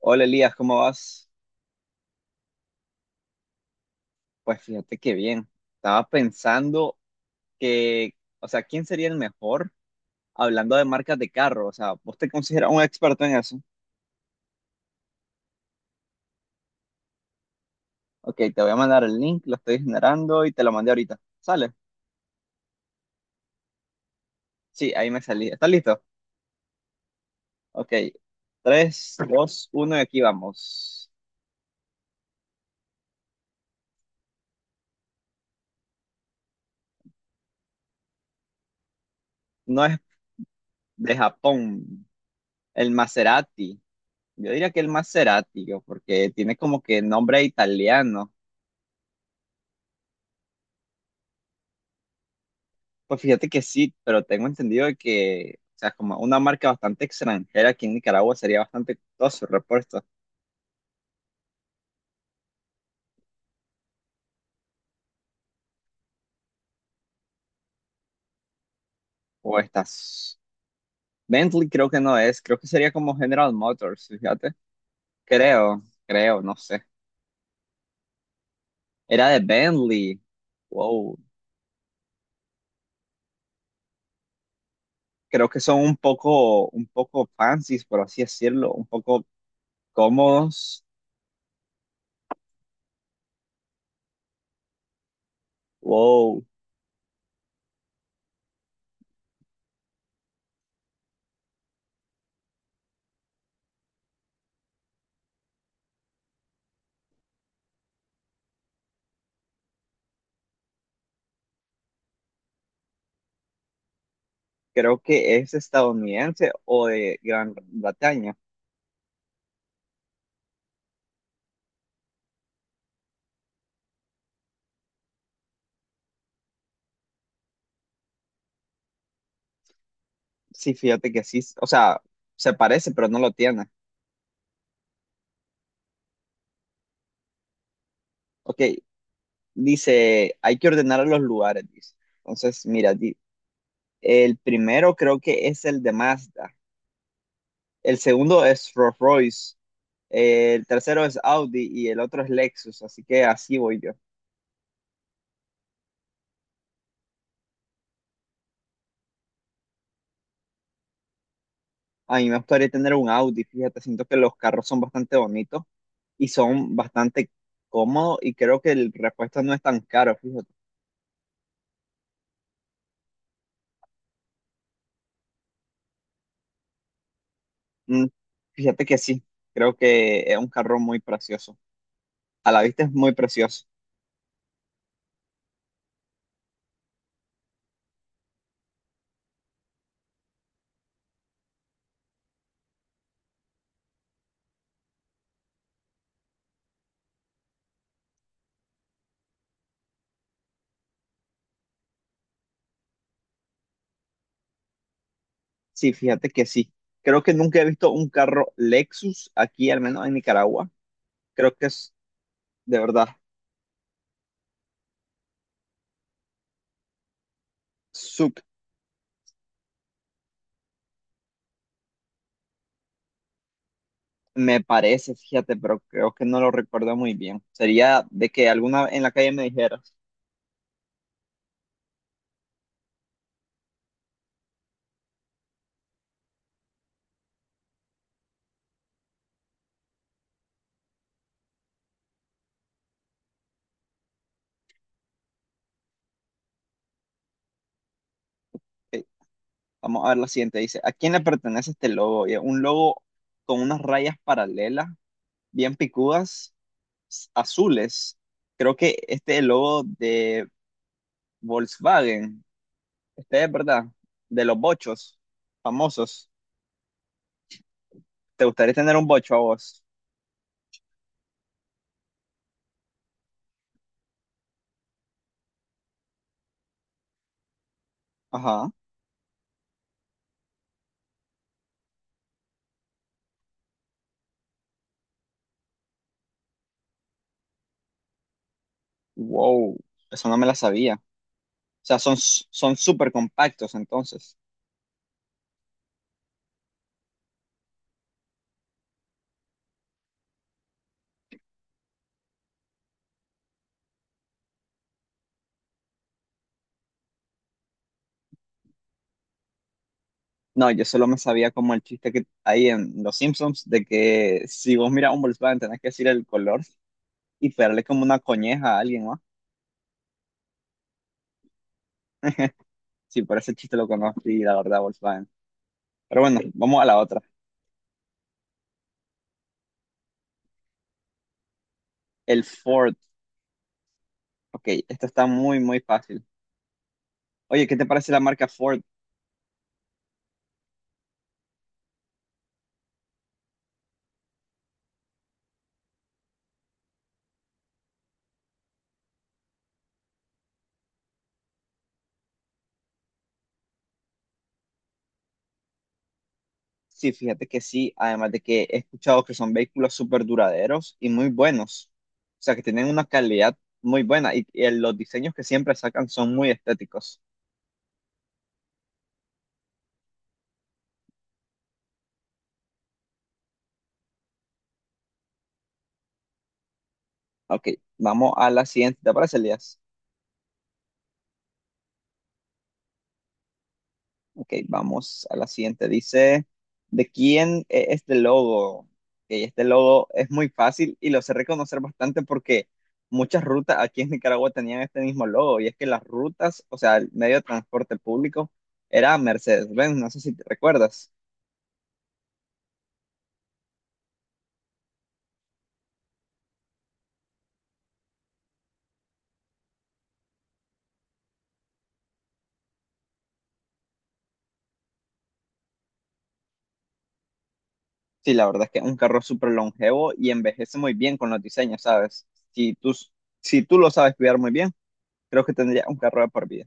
Hola Elías, ¿cómo vas? Pues fíjate que bien. Estaba pensando que, ¿quién sería el mejor hablando de marcas de carro? O sea, ¿vos te consideras un experto en eso? Ok, te voy a mandar el link, lo estoy generando y te lo mandé ahorita. ¿Sale? Sí, ahí me salí. ¿Estás listo? Ok, tres, dos, uno, y aquí vamos. No es de Japón, el Maserati. Yo diría que el Maserati, yo, porque tiene como que nombre italiano. Pues fíjate que sí, pero tengo entendido de que, o sea, como una marca bastante extranjera aquí en Nicaragua sería bastante costoso el repuesto. O estas. Bentley creo que no es, creo que sería como General Motors, fíjate. Creo, no sé. Era de Bentley. Wow. Creo que son un poco fancy, por así decirlo, un poco cómodos. Wow. Creo que es estadounidense o de Gran Bretaña. Sí, fíjate que sí. O sea, se parece, pero no lo tiene. Ok, dice, hay que ordenar a los lugares, dice. Entonces, mira, el primero creo que es el de Mazda, el segundo es Rolls-Royce, el tercero es Audi y el otro es Lexus, así que así voy yo. A mí me gustaría tener un Audi, fíjate, siento que los carros son bastante bonitos y son bastante cómodos y creo que el repuesto no es tan caro, fíjate. Mm, fíjate que sí, creo que es un carro muy precioso. A la vista es muy precioso. Sí, fíjate que sí. Creo que nunca he visto un carro Lexus aquí, al menos en Nicaragua. Creo que es de verdad SUV, me parece, fíjate, pero creo que no lo recuerdo muy bien. Sería de que alguna en la calle me dijeras, ok, vamos a ver la siguiente, dice, ¿a quién le pertenece este logo? Y es un logo con unas rayas paralelas, bien picudas, azules. Creo que este es el logo de Volkswagen. Este es, ¿verdad? De los bochos famosos. ¿Te gustaría tener un bocho a vos? Ajá. Wow, eso no me la sabía. O sea, son son súper compactos entonces. No, yo solo me sabía como el chiste que hay en Los Simpsons de que si vos miras un Volkswagen tenés que decir el color y pegarle como una coñeja a alguien, ¿no? Sí, por ese chiste lo conocí, la verdad, Volkswagen. Pero bueno, vamos a la otra. El Ford. Ok, esta está muy, muy fácil. Oye, ¿qué te parece la marca Ford? Sí, fíjate que sí, además de que he escuchado que son vehículos súper duraderos y muy buenos, o sea que tienen una calidad muy buena y los diseños que siempre sacan son muy estéticos. Ok, vamos a la siguiente, ¿te parece, Elías? Ok, vamos a la siguiente. Dice, ¿de quién es este logo? Ok, este logo es muy fácil y lo sé reconocer bastante porque muchas rutas aquí en Nicaragua tenían este mismo logo y es que las rutas, o sea, el medio de transporte público era Mercedes-Benz, no sé si te recuerdas. Sí, la verdad es que es un carro súper longevo y envejece muy bien con los diseños, ¿sabes? Si tú lo sabes cuidar muy bien, creo que tendría un carro de por vida.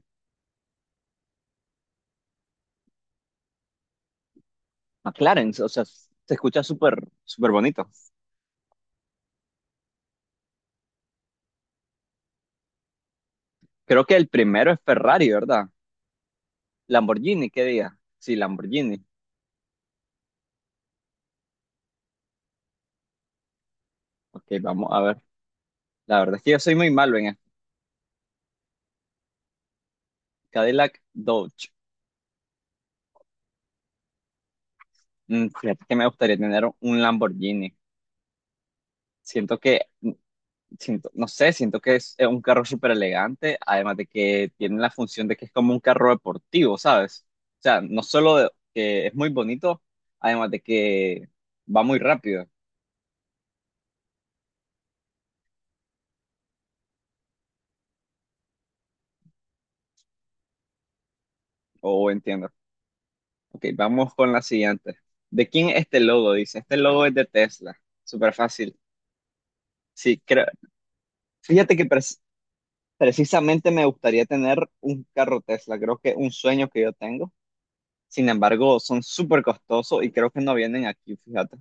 McLaren, o sea, se escucha súper bonito. Creo que el primero es Ferrari, ¿verdad? Lamborghini, ¿qué diga? Sí, Lamborghini. Ok, vamos a ver. La verdad es que yo soy muy malo en esto. Cadillac Dodge. Mm, fíjate que me gustaría tener un Lamborghini. Siento que siento, no sé, siento que es un carro súper elegante, además de que tiene la función de que es como un carro deportivo, ¿sabes? O sea, no que es muy bonito, además de que va muy rápido, o entiendo. Ok, vamos con la siguiente. ¿De quién es este logo? Dice, este logo es de Tesla, súper fácil. Sí, creo, fíjate que pres- precisamente me gustaría tener un carro Tesla, creo que es un sueño que yo tengo. Sin embargo, son súper costosos y creo que no vienen aquí, fíjate.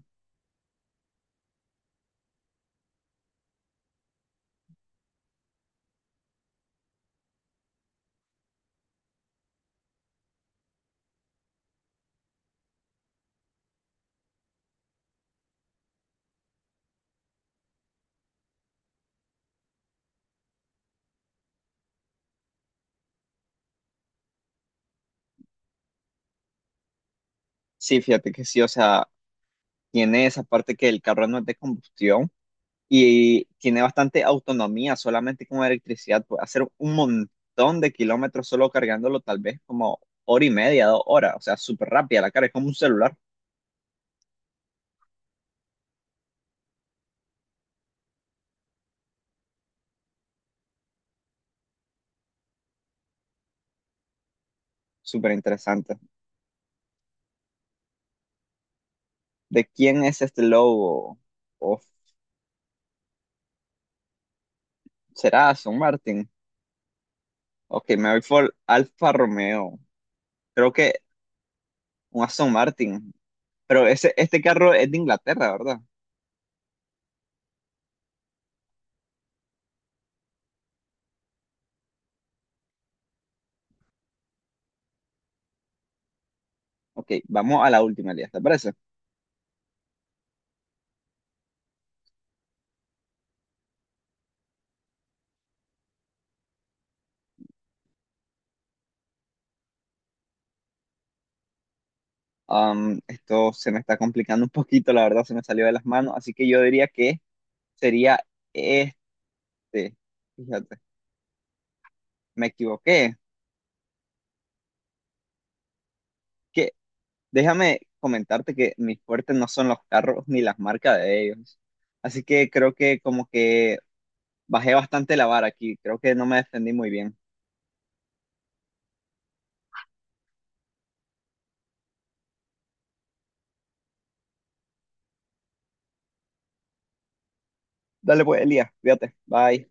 Sí, fíjate que sí, o sea, tiene esa parte que el carro no es de combustión y tiene bastante autonomía, solamente con electricidad puede hacer un montón de kilómetros solo cargándolo, tal vez como hora y media, dos horas, o sea, súper rápida la carga, es como un celular, súper interesante. ¿De quién es este logo? ¿O será Aston Martin? Ok, me voy por Alfa Romeo, creo que un Aston Martin, pero este carro es de Inglaterra, ¿verdad? Ok, vamos a la última, Elías, ¿te parece? Am, esto se me está complicando un poquito, la verdad, se me salió de las manos, así que yo diría que sería este. Fíjate, me equivoqué. Que, déjame comentarte que mis fuertes no son los carros ni las marcas de ellos. Así que creo que como que bajé bastante la vara aquí, creo que no me defendí muy bien. Dale pues, Elías, fíjate, bye.